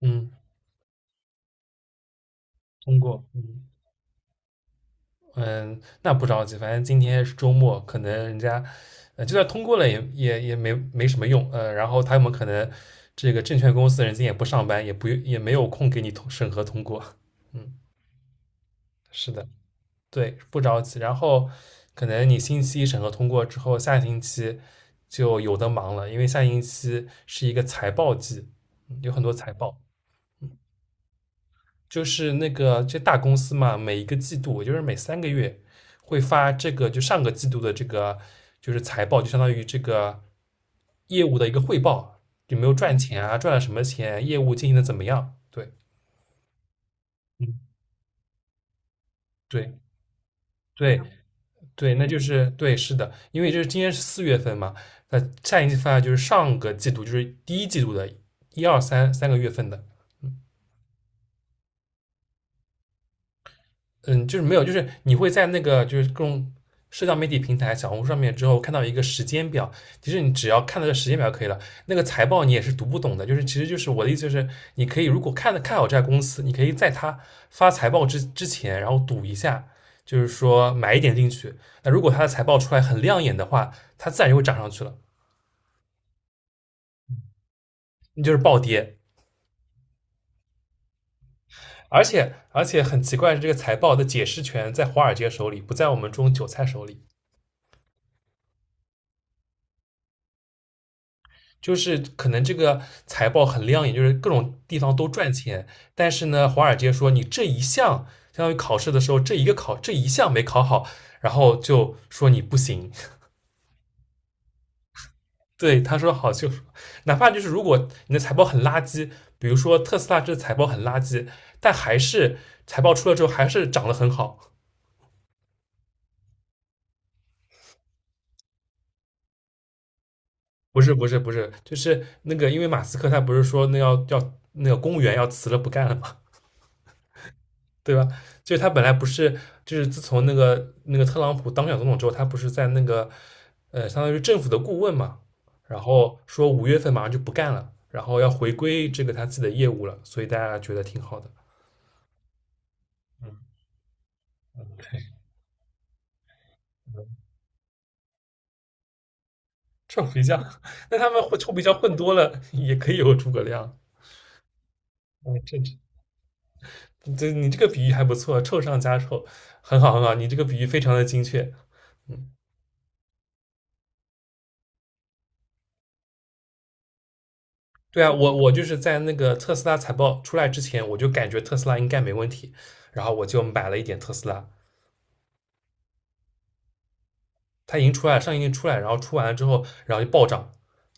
嗯，通过，嗯嗯，那不着急，反正今天是周末，可能人家，就算通过了也没什么用，然后他们可能这个证券公司的人今天也不上班，也没有空给你通审核通过，嗯，是的，对，不着急，然后可能你星期一审核通过之后，下星期就有的忙了，因为下星期是一个财报季，有很多财报，就是那个这大公司嘛，每一个季度，也就是每3个月会发这个，就上个季度的这个就是财报，就相当于这个业务的一个汇报，有没有赚钱啊，赚了什么钱，业务经营的怎么样？对，嗯，对对对，那就是对，是的，因为就是今天是4月份嘛，那下一次发就是上个季度，就是第1季度的一二三个月份的。嗯，就是没有，就是你会在那个就是各种社交媒体平台、小红书上面之后看到一个时间表，其实你只要看到这时间表就可以了。那个财报你也是读不懂的，就是其实就是我的意思就是，你可以如果看的看好这家公司，你可以在它发财报之前，然后赌一下，就是说买一点进去。那如果它的财报出来很亮眼的话，它自然就会涨上去了，你就是暴跌。而且很奇怪，的这个财报的解释权在华尔街手里，不在我们这种韭菜手里。就是可能这个财报很亮眼，就是各种地方都赚钱，但是呢，华尔街说你这一项，相当于考试的时候这一个考这一项没考好，然后就说你不行。对，他说好就，哪怕就是如果你的财报很垃圾，比如说特斯拉这财报很垃圾，但还是财报出了之后还是涨得很好。不是不是不是，就是那个，因为马斯克他不是说那要那个公务员要辞了不干了吗？对吧？就是他本来不是，就是自从那个特朗普当选总统之后，他不是在那个相当于政府的顾问嘛，然后说5月份马上就不干了，然后要回归这个他自己的业务了，所以大家觉得挺好的。对嗯臭皮匠，那他们混臭皮匠混多了也可以有诸葛亮。嗯，这这这你这个比喻还不错，臭上加臭，很好很好，你这个比喻非常的精确。嗯，对啊，我就是在那个特斯拉财报出来之前，我就感觉特斯拉应该没问题，然后我就买了一点特斯拉，它已经出来了，上一年出来，然后出完了之后，然后就暴涨，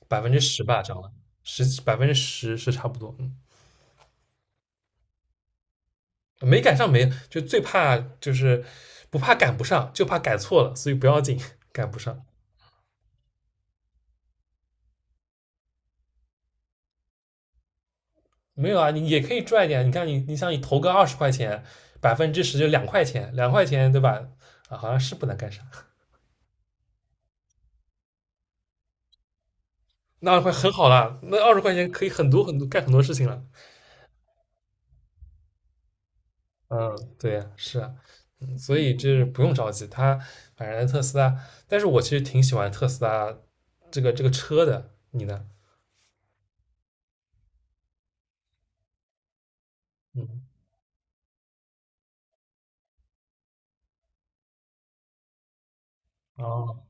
百分之十吧，涨了百分之十是差不多，嗯，没赶上没就最怕就是不怕赶不上，就怕赶错了，所以不要紧，赶不上没有啊，你也可以赚一点，你看你想你投个二十块钱，百分之十就两块钱，两块钱对吧？啊，好像是不能干啥，那会很好啦，那二十块钱可以很多很多干很多事情了。嗯，对呀，是啊，所以这不用着急，他反正特斯拉，但是我其实挺喜欢特斯拉这个车的，你呢？嗯，哦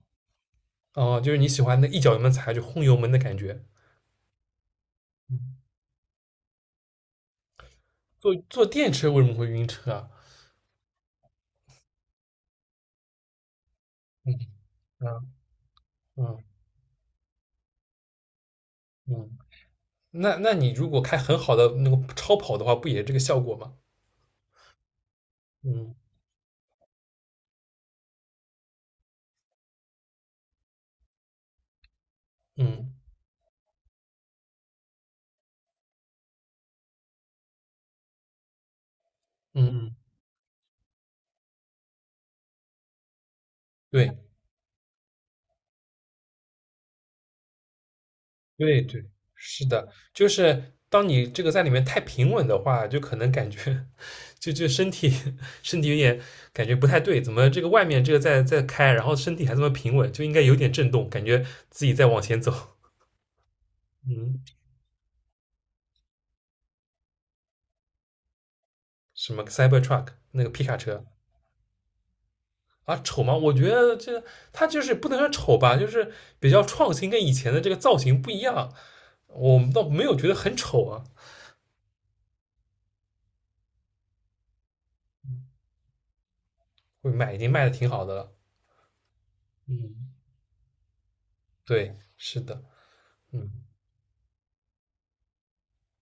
哦，就是你喜欢那一脚油门踩下去轰油门的感觉。嗯坐电车为什么会晕车啊？嗯嗯嗯嗯，那你如果开很好的那个超跑的话，不也这个效果吗？嗯嗯嗯嗯，对。对对，是的，就是当你这个在里面太平稳的话，就可能感觉 就身体 身体有点感觉不太对，怎么这个外面这个在开，然后身体还这么平稳，就应该有点震动，感觉自己在往前走。嗯，什么 Cybertruck 那个皮卡车啊，丑吗？我觉得这它就是不能说丑吧，就是比较创新，跟以前的这个造型不一样，我们倒没有觉得很丑啊，会卖已经卖的挺好的了。嗯，对，是的，嗯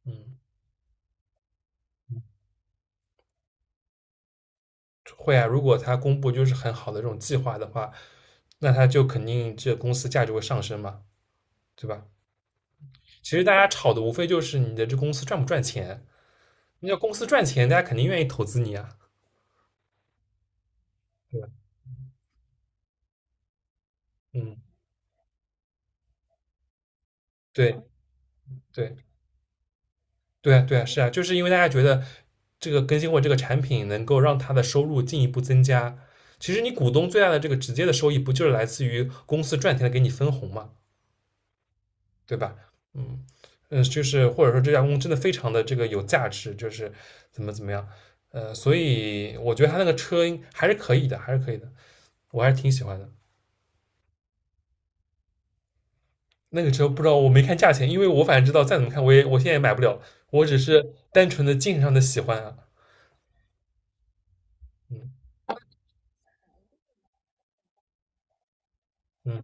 嗯。会啊，如果他公布就是很好的这种计划的话，那他就肯定这公司价值会上升嘛，对吧？其实大家炒的无非就是你的这公司赚不赚钱，你要公司赚钱，大家肯定愿意投资你啊，对吧？嗯，对对对啊，对啊，是啊，就是因为大家觉得这个更新或者这个产品能够让他的收入进一步增加。其实你股东最大的这个直接的收益，不就是来自于公司赚钱的给你分红吗？对吧？嗯嗯，就是或者说这家公司真的非常的这个有价值，就是怎么样，所以我觉得他那个车应还是可以的，还是可以的，我还是挺喜欢的。那个车不知道我没看价钱，因为我反正知道再怎么看我现在也买不了，我只是单纯的精神上的喜欢啊，嗯嗯，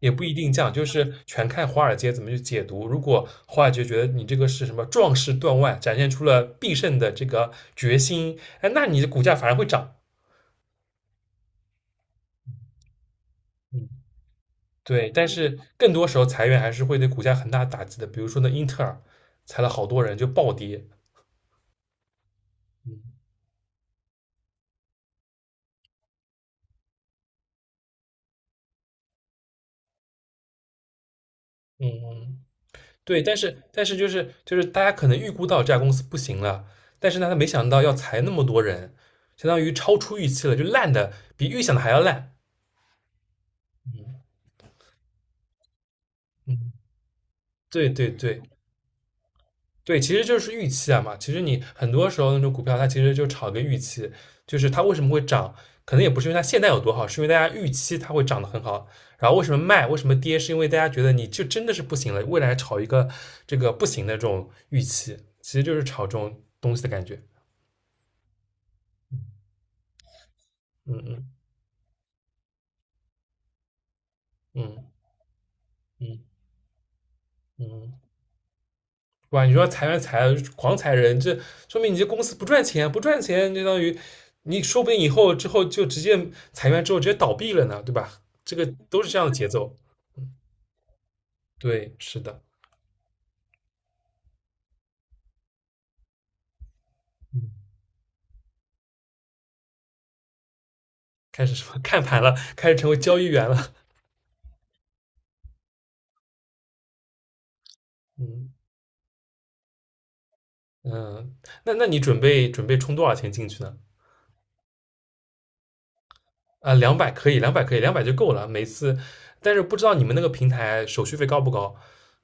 也不一定降，就是全看华尔街怎么去解读。如果华尔街觉得你这个是什么壮士断腕，展现出了必胜的这个决心，哎，那你的股价反而会涨。嗯对，但是更多时候裁员还是会对股价很大打击的。比如说那英特尔裁了好多人，就暴跌。嗯嗯，对，但是就是大家可能预估到这家公司不行了，但是呢，他没想到要裁那么多人，相当于超出预期了，就烂的比预想的还要烂。嗯，对对对，对，其实就是预期啊嘛。其实你很多时候那种股票，它其实就炒个预期，就是它为什么会涨，可能也不是因为它现在有多好，是因为大家预期它会涨得很好。然后为什么卖，为什么跌，是因为大家觉得你就真的是不行了，未来炒一个这个不行的这种预期，其实就是炒这种东西的感觉。嗯嗯嗯嗯嗯。哇，你说裁员裁了狂裁人，这说明你这公司不赚钱，不赚钱就相当于你说不定以后之后就直接裁员之后直接倒闭了呢，对吧？这个都是这样的节奏。对，是的，嗯，开始什么 看盘了，开始成为交易员了，嗯嗯，那那你准备准备充多少钱进去呢？啊，两百可以，两百可以，两百就够了。每次，但是不知道你们那个平台手续费高不高？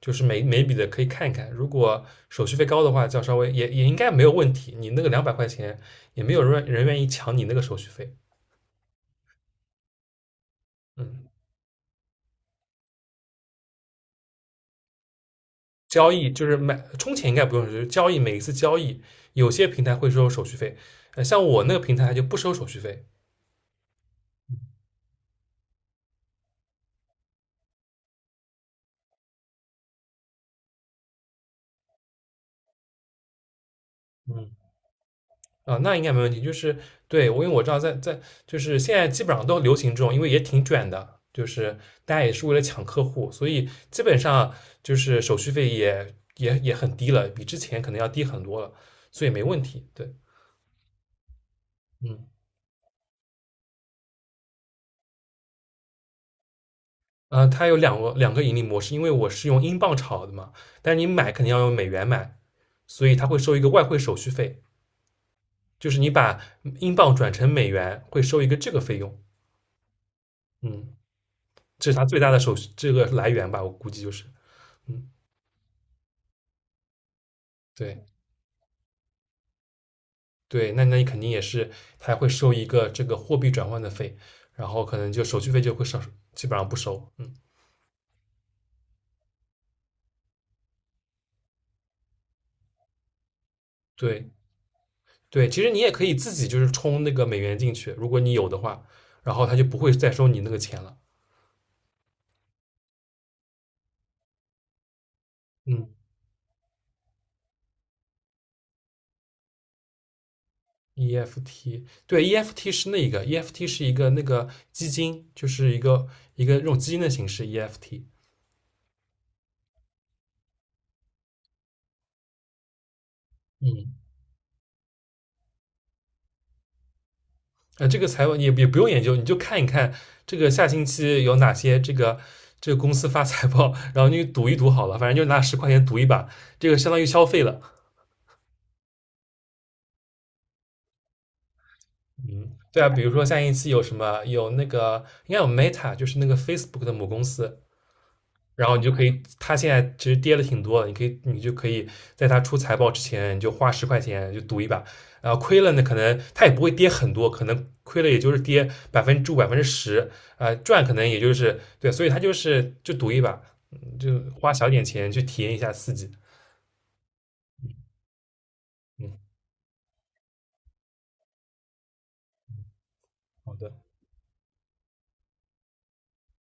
就是每笔的可以看一看，如果手续费高的话，就要稍微也应该没有问题。你那个200块也没有人愿意抢你那个手续费。嗯，交易就是买充钱应该不用就是交易每一次交易有些平台会收手续费，像我那个平台就不收手续费。嗯。啊，那应该没问题。就是对我，因为我知道在就是现在基本上都流行这种，因为也挺卷的，就是大家也是为了抢客户，所以基本上就是手续费也很低了，比之前可能要低很多了，所以没问题。对，嗯，它有两个盈利模式，因为我是用英镑炒的嘛，但是你买肯定要用美元买，所以它会收一个外汇手续费，就是你把英镑转成美元会收一个这个费用，嗯，这是它最大的手续这个来源吧，我估计就是，嗯。对对，那那你肯定也是，他会收一个这个货币转换的费，然后可能就手续费就会少，基本上不收。嗯，对对，其实你也可以自己就是充那个美元进去，如果你有的话，然后他就不会再收你那个钱了。嗯，EFT 对 EFT 是那个 EFT 是一个那个基金，就是一个这种基金的形式 EFT。嗯。这个财报你也也不用研究，你就看一看这个下星期有哪些这个这个公司发财报，然后你赌一赌好了，反正就拿十块钱赌一把，这个相当于消费了。嗯，对啊，比如说下星期有什么有那个应该有 Meta，就是那个 Facebook 的母公司，然后你就可以，它现在其实跌了挺多的，你可以你就可以在它出财报之前，你就花十块钱就赌一把，然后亏了呢，可能它也不会跌很多，可能亏了也就是跌5%、百分之十，赚可能也就是对，所以它就是就赌一把，就花小点钱去体验一下刺激。嗯，好的。